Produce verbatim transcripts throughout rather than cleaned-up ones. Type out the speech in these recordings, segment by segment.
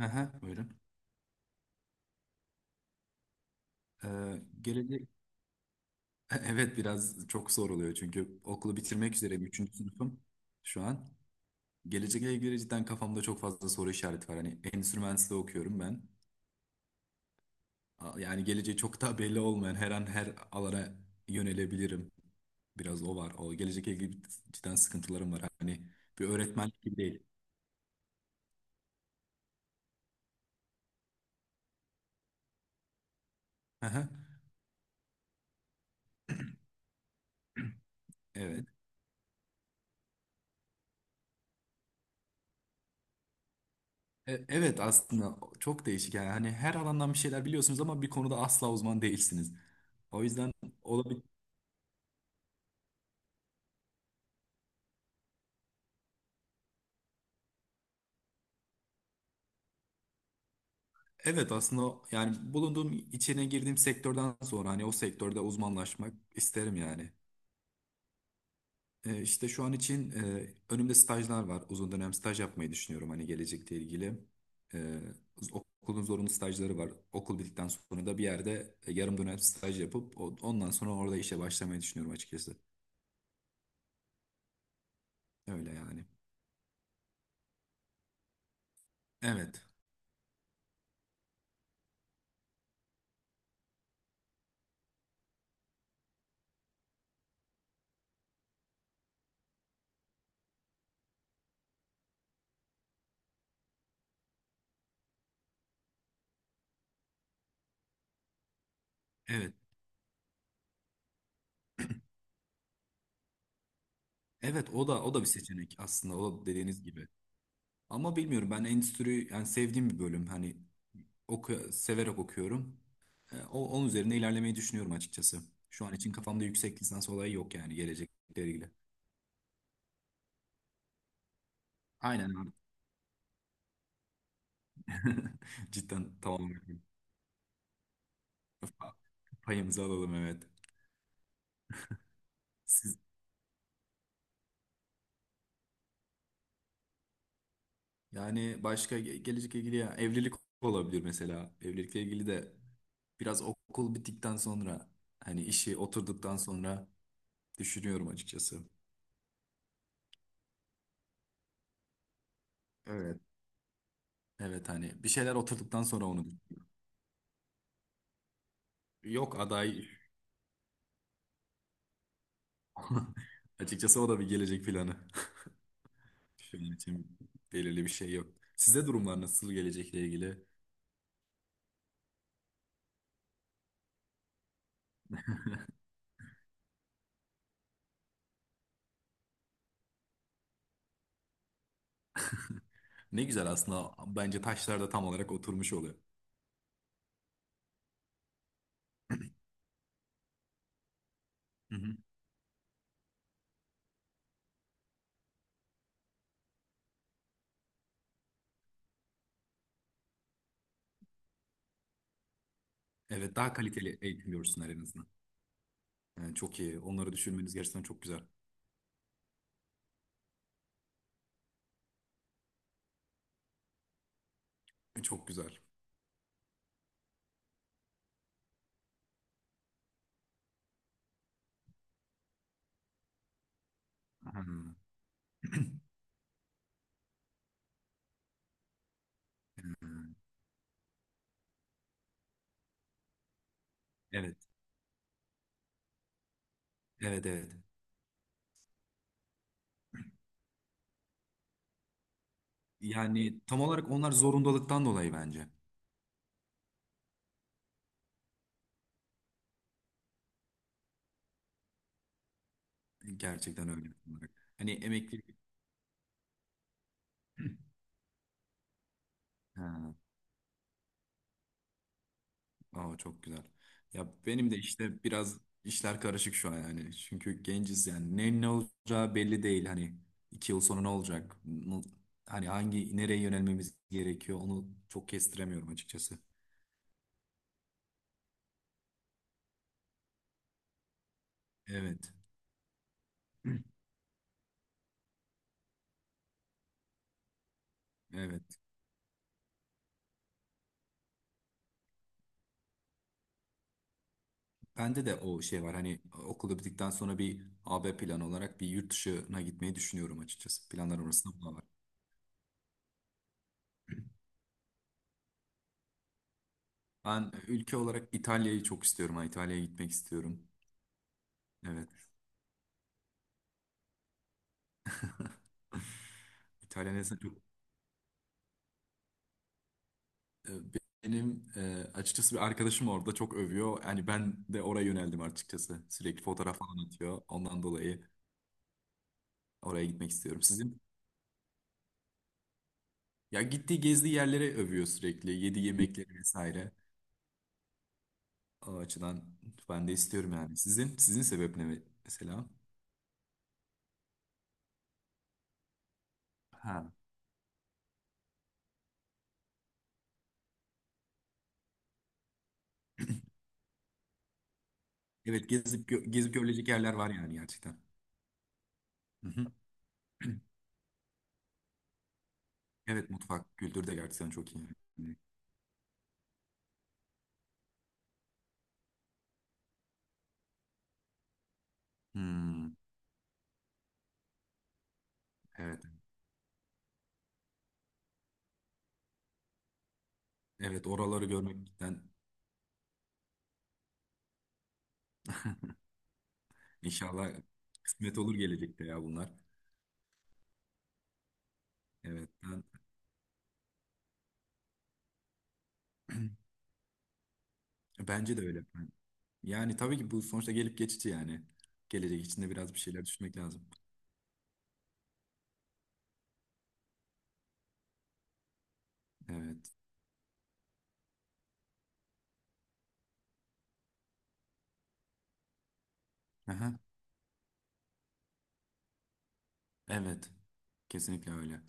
Aha, buyurun. Ee, gelecek... Evet, biraz çok zor oluyor çünkü okulu bitirmek üzereyim. Üçüncü sınıfım şu an. Gelecekle ilgili cidden kafamda çok fazla soru işareti var. Hani endüstri mühendisliği okuyorum ben. A- Yani geleceği çok daha belli olmayan her an her alana yönelebilirim. Biraz o var. O gelecekle ilgili cidden sıkıntılarım var. Hani bir öğretmen gibi değil. Aha, evet. E- Evet, aslında çok değişik yani. Hani her alandan bir şeyler biliyorsunuz ama bir konuda asla uzman değilsiniz. O yüzden olabilir. Evet, aslında yani bulunduğum, içine girdiğim sektörden sonra hani o sektörde uzmanlaşmak isterim yani. Ee, işte şu an için e, önümde stajlar var. Uzun dönem staj yapmayı düşünüyorum hani gelecekle ilgili. Ee, Okulun zorunlu stajları var. Okul bittikten sonra da bir yerde e, yarım dönem staj yapıp o- ondan sonra orada işe başlamayı düşünüyorum açıkçası. Öyle yani. Evet. Evet. Evet, o da o da bir seçenek aslında. O da dediğiniz gibi. Ama bilmiyorum, ben endüstri yani sevdiğim bir bölüm. Hani oku severek okuyorum. E, o, onun üzerine ilerlemeyi düşünüyorum açıkçası. Şu an için kafamda yüksek lisans olayı yok yani gelecekle ilgili. Aynen abi. Cidden tamam. Payımızı alalım, evet. Siz, yani başka ge- gelecekle ilgili ya evlilik olabilir mesela. Evlilikle ilgili de biraz okul bittikten sonra, hani işi oturduktan sonra düşünüyorum açıkçası. Evet. Evet, hani bir şeyler oturduktan sonra onu. Yok aday. Açıkçası o da bir gelecek planı. Şu an için belirli bir şey yok. Size durumlar nasıl gelecekle ilgili? Ne güzel, aslında bence taşlar da tam olarak oturmuş oluyor. Hı hı. Evet, daha kaliteli eğitim görürsünler en azından. Yani çok iyi. Onları düşünmeniz gerçekten çok güzel. Çok güzel. Hı hı. Evet. Evet, evet. Yani tam olarak onlar zorundalıktan dolayı bence. Gerçekten öyle. Tam olarak. Hani emeklilik. Ha. Aa, çok güzel. Ya benim de işte biraz işler karışık şu an yani. Çünkü genciz yani. Ne ne olacağı belli değil. Hani iki yıl sonra ne olacak? N- Hani hangi, nereye yönelmemiz gerekiyor? Onu çok kestiremiyorum açıkçası. Evet. Evet. Bende de o şey var. Hani okul bittikten sonra bir A B planı olarak bir yurt dışına gitmeyi düşünüyorum açıkçası. Planlar arasında bu da var. Ben ülke olarak İtalya'yı çok istiyorum. Ha, İtalya'ya gitmek istiyorum. Evet. İtalya neyse çok. E, Benim e, açıkçası bir arkadaşım orada çok övüyor. Yani ben de oraya yöneldim açıkçası. Sürekli fotoğraf falan atıyor. Ondan dolayı oraya gitmek istiyorum. Sizin... Ya gittiği, gezdiği yerlere övüyor sürekli. Yediği yemekleri vesaire. O açıdan ben de istiyorum yani. Sizin sizin sebep ne me- mesela? Ha. Evet, gezip gö- gezip görülecek yerler var yani gerçekten. Hı hı. Evet, mutfak kültürü de gerçekten çok iyi. Hmm, evet. Evet, oraları görmekten... inşallah kısmet olur gelecekte ya bunlar. Evet, ben, Bence de öyle. Ben- Yani tabii ki bu sonuçta gelip geçici yani. Gelecek içinde biraz bir şeyler düşünmek lazım. Evet. Aha. Evet. Kesinlikle öyle.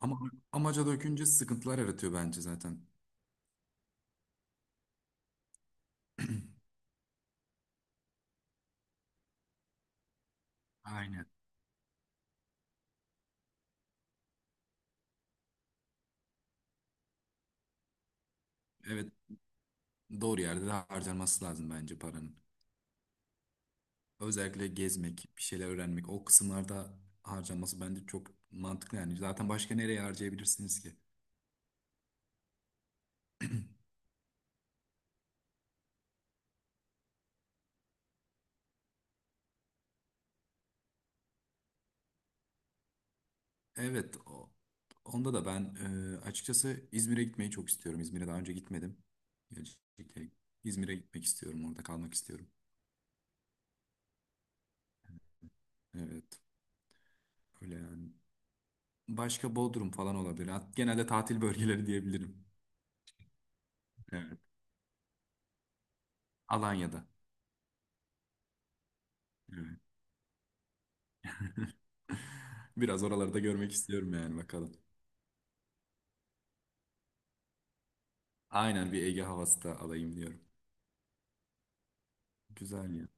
Ama amaca dökünce sıkıntılar yaratıyor bence zaten. Aynen. Evet. Doğru yerde de harcanması lazım bence paranın. Özellikle gezmek, bir şeyler öğrenmek, o kısımlarda harcanması bence çok mantıklı yani. Zaten başka nereye harcayabilirsiniz ki? Evet, o- Onda da ben e, açıkçası İzmir'e gitmeyi çok istiyorum. İzmir'e daha önce gitmedim. Gelecekte İzmir'e gitmek istiyorum, orada kalmak istiyorum. Evet, öyle yani. Başka Bodrum falan olabilir. Hat- Genelde tatil bölgeleri diyebilirim. Evet, Alanya'da. Evet. Biraz oraları da görmek istiyorum yani, bakalım. Aynen, bir Ege havası da alayım diyorum. Güzel ya.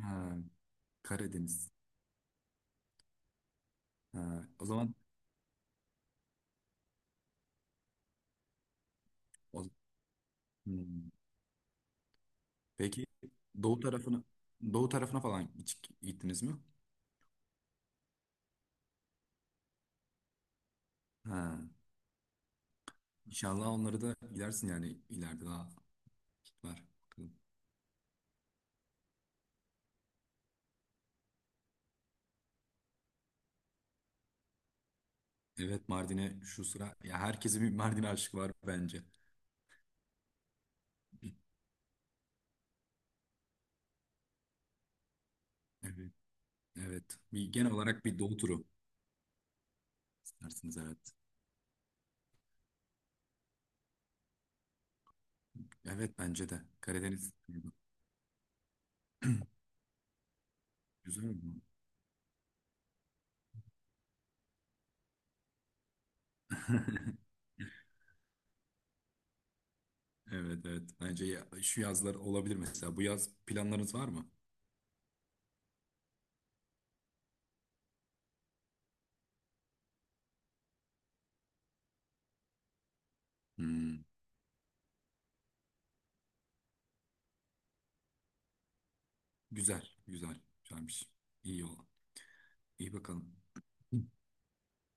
Ha, Karadeniz. Ha, o zaman o, hmm. Peki doğu tarafına doğu tarafına falan hiç gittiniz mi? Ha, inşallah onları da gidersin yani ileride, daha var. Evet, Mardin'e şu sıra ya, herkesin bir Mardin aşkı var bence. Evet. Evet. Bir genel olarak bir doğu turu istersiniz, evet. Evet, bence de. Karadeniz turu. Güzel mi? Evet, evet. Bence ya, şu yazlar olabilir mesela. Bu yaz planlarınız var mı? Hmm, güzel, güzel. Güzelmiş. İyi o. İyi bakalım.